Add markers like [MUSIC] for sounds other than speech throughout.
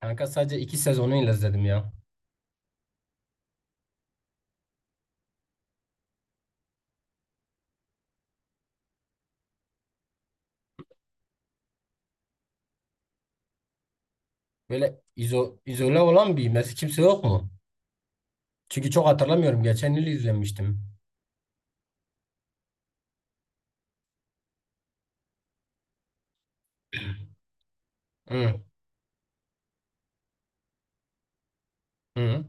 Kanka sadece 2 sezonuyla izledim ya. Böyle izole olan bir mesela kimse yok mu? Çünkü çok hatırlamıyorum. Geçen yıl izlemiştim. Hı, hı.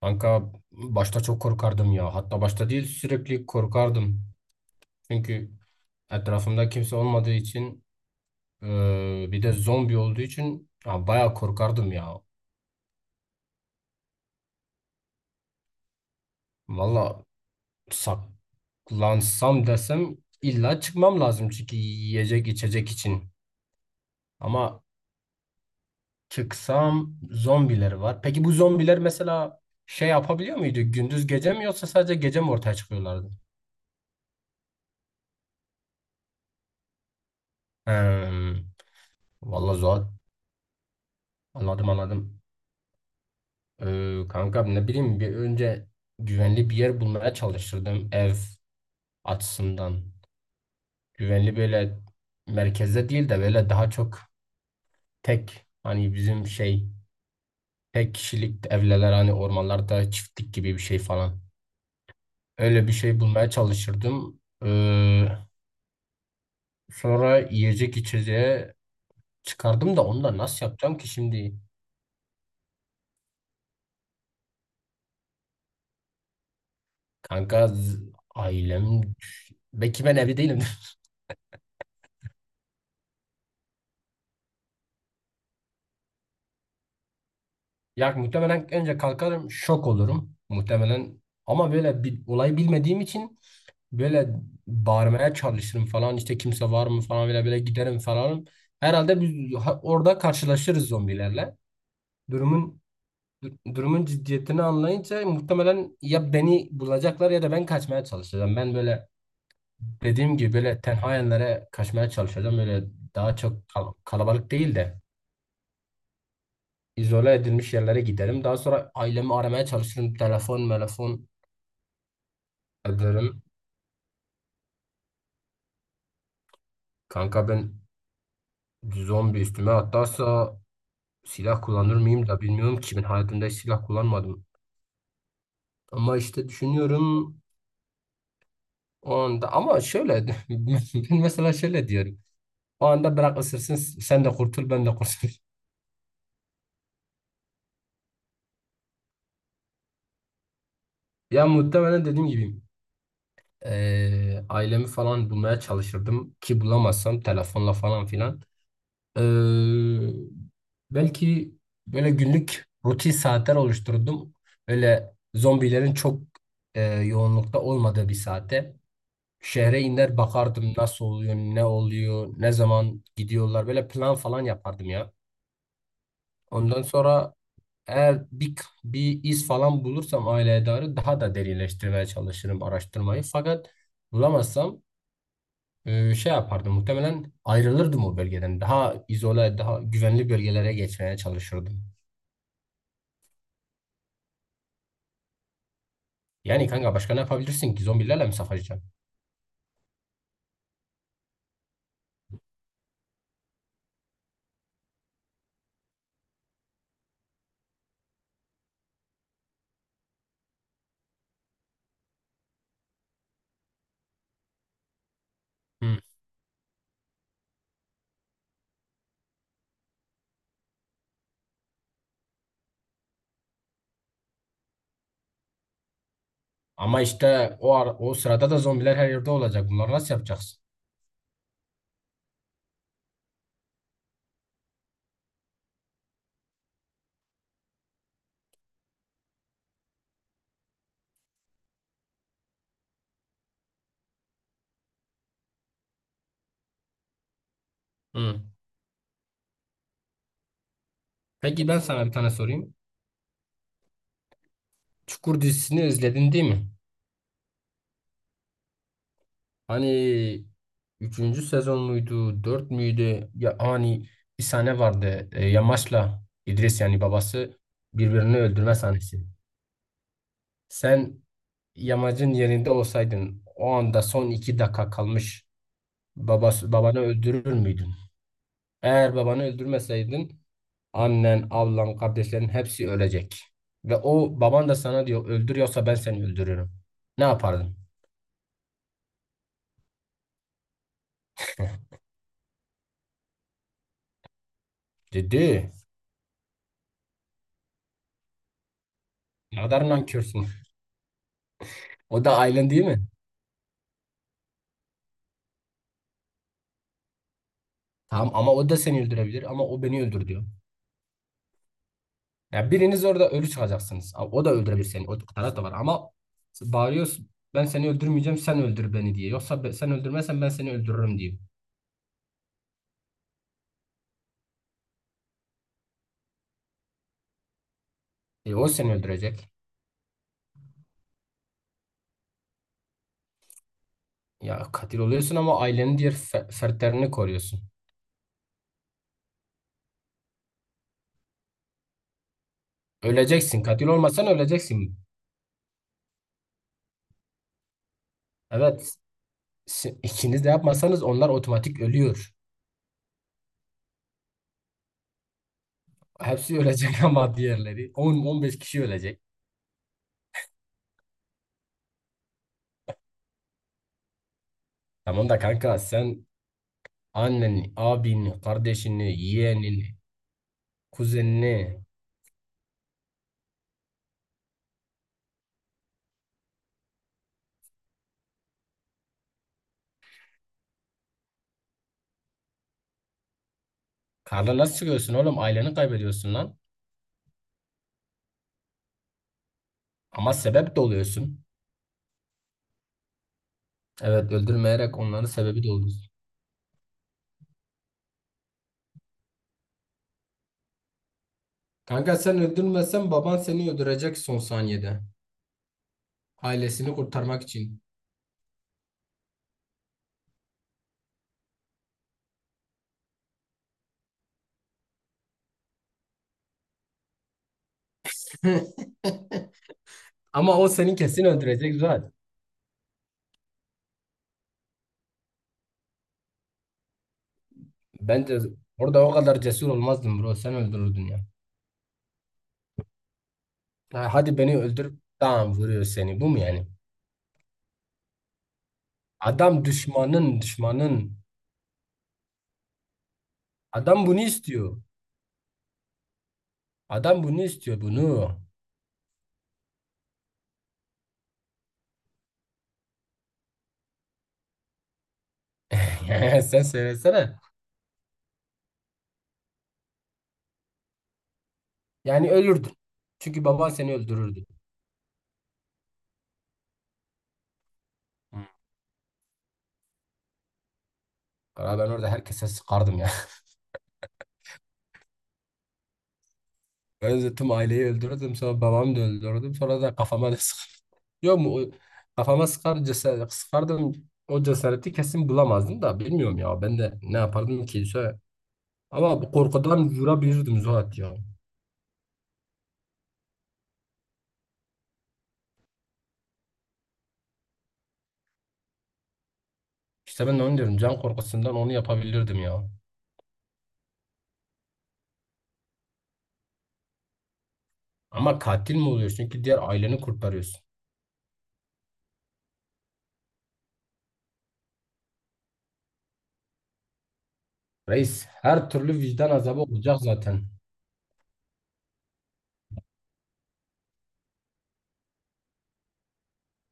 Kanka başta çok korkardım ya. Hatta başta değil sürekli korkardım. Çünkü etrafımda kimse olmadığı için bir de zombi olduğu için ya, bayağı korkardım ya. Valla saklansam desem illa çıkmam lazım çünkü yiyecek içecek için. Ama çıksam zombileri var. Peki bu zombiler mesela şey yapabiliyor muydu? Gündüz gece mi yoksa sadece gece mi ortaya çıkıyorlardı? Hmm, vallahi Zuhat, anladım anladım. Kanka ne bileyim bir önce güvenli bir yer bulmaya çalışırdım ev açısından. Güvenli böyle merkezde değil de böyle daha çok tek hani bizim şey tek kişilik evler hani ormanlarda çiftlik gibi bir şey falan. Öyle bir şey bulmaya çalışırdım. Ee, Sonra yiyecek içeceğe çıkardım da onu da nasıl yapacağım ki şimdi? Kanka ailem [LAUGHS] belki ben evli değilim. [LAUGHS] Ya muhtemelen önce kalkarım şok olurum muhtemelen ama böyle bir olayı bilmediğim için böyle bağırmaya çalışırım falan işte kimse var mı falan böyle böyle giderim falan. Herhalde biz orada karşılaşırız zombilerle. Durumun durumun ciddiyetini anlayınca muhtemelen ya beni bulacaklar ya da ben kaçmaya çalışacağım. Ben böyle dediğim gibi böyle tenha yerlere kaçmaya çalışacağım. Böyle daha çok kalabalık değil de izole edilmiş yerlere giderim. Daha sonra ailemi aramaya çalışırım. Telefon telefon ederim. Kanka ben zombi üstüme atlarsa silah kullanır mıyım da bilmiyorum ki, ben hayatımda hiç silah kullanmadım. Ama işte düşünüyorum o anda ama şöyle, [LAUGHS] ben mesela şöyle diyorum. O anda bırak ısırsın, sen de kurtul ben de kurtul. [LAUGHS] Ya muhtemelen dediğim gibi ailemi falan bulmaya çalışırdım ki bulamazsam telefonla falan filan. Eee, belki böyle günlük rutin saatler oluşturdum. Öyle zombilerin çok yoğunlukta olmadığı bir saate. Şehre iner bakardım nasıl oluyor, ne oluyor, ne zaman gidiyorlar. Böyle plan falan yapardım ya. Ondan sonra eğer bir iz falan bulursam aileye dair daha da derinleştirmeye çalışırım araştırmayı. Fakat bulamazsam şey yapardım. Muhtemelen ayrılırdım o bölgeden. Daha izole, daha güvenli bölgelere geçmeye çalışırdım. Yani kanka başka ne yapabilirsin ki? Zombilerle mi savaşacaksın? Hı. Ama işte o sırada da zombiler her yerde olacak. Bunları nasıl yapacaksın? Hı. Peki ben sana bir tane sorayım. Çukur dizisini izledin değil mi? Hani üçüncü sezon muydu, dört müydü? Ya hani bir sahne vardı. Yamaç'la İdris, yani babası, birbirini öldürme sahnesi. Sen Yamacın yerinde olsaydın o anda son 2 dakika kalmış, babası, babanı öldürür müydün? Eğer babanı öldürmeseydin annen, ablan, kardeşlerin hepsi ölecek. Ve o baban da sana diyor, öldürüyorsa ben seni öldürürüm. Ne yapardın? Dedi. Ne kadar nankörsün. O da ailen değil mi? Tamam ama o da seni öldürebilir, ama o beni öldür diyor. Ya biriniz orada ölü çıkacaksınız. Ama o da öldürebilir seni. O taraf da var ama bağırıyorsun, ben seni öldürmeyeceğim sen öldür beni diye. Yoksa sen öldürmezsen ben seni öldürürüm diyor. O seni öldürecek. Ya katil oluyorsun ama ailenin diğer fertlerini koruyorsun. Öleceksin. Katil olmasan öleceksin. Evet. İkiniz de yapmasanız onlar otomatik ölüyor. Hepsi ölecek [LAUGHS] ama diğerleri. 10-15 kişi ölecek. Tamam da kanka sen anneni, abini, kardeşini, yeğenini, kuzenini. Karla nasıl çıkıyorsun oğlum? Aileni kaybediyorsun lan. Ama sebep de oluyorsun. Evet, öldürmeyerek onların sebebi de oluyorsun. Kanka sen öldürmesen baban seni öldürecek son saniyede. Ailesini kurtarmak için. [LAUGHS] Ama o seni kesin öldürecek zaten. Ben de orada o kadar cesur olmazdım bro. Sen öldürürdün ya. Ha, hadi beni öldür. Tamam, vuruyor seni. Bu mu yani? Adam düşmanın, düşmanın. Adam bunu istiyor. Adam bunu istiyor, bunu. [LAUGHS] Sen söylesene. Yani ölürdün. Çünkü baban seni öldürürdü. Hı. Ben orada herkese sıkardım ya. Öldüm, aileyi öldürdüm, sonra babamı da öldürdüm, sonra da kafama da sıkardım. Yok mu kafama sıkar cesaret, sıkardım o cesareti kesin bulamazdım da, bilmiyorum ya, ben de ne yapardım ki? Şöyle... ama bu korkudan vurabilirdim Zuhat ya. İşte ben de onu diyorum, can korkusundan onu yapabilirdim ya. Ama katil mi oluyorsun çünkü diğer aileni kurtarıyorsun. Reis, her türlü vicdan azabı olacak zaten.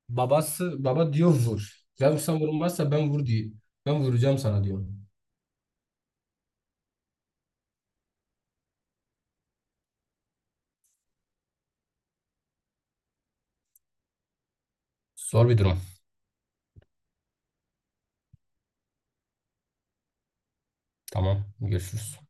Babası baba diyor vur. Ya sen vurmazsa ben vur diyor. Ben vuracağım sana diyor. Zor bir durum. Tamam, görüşürüz.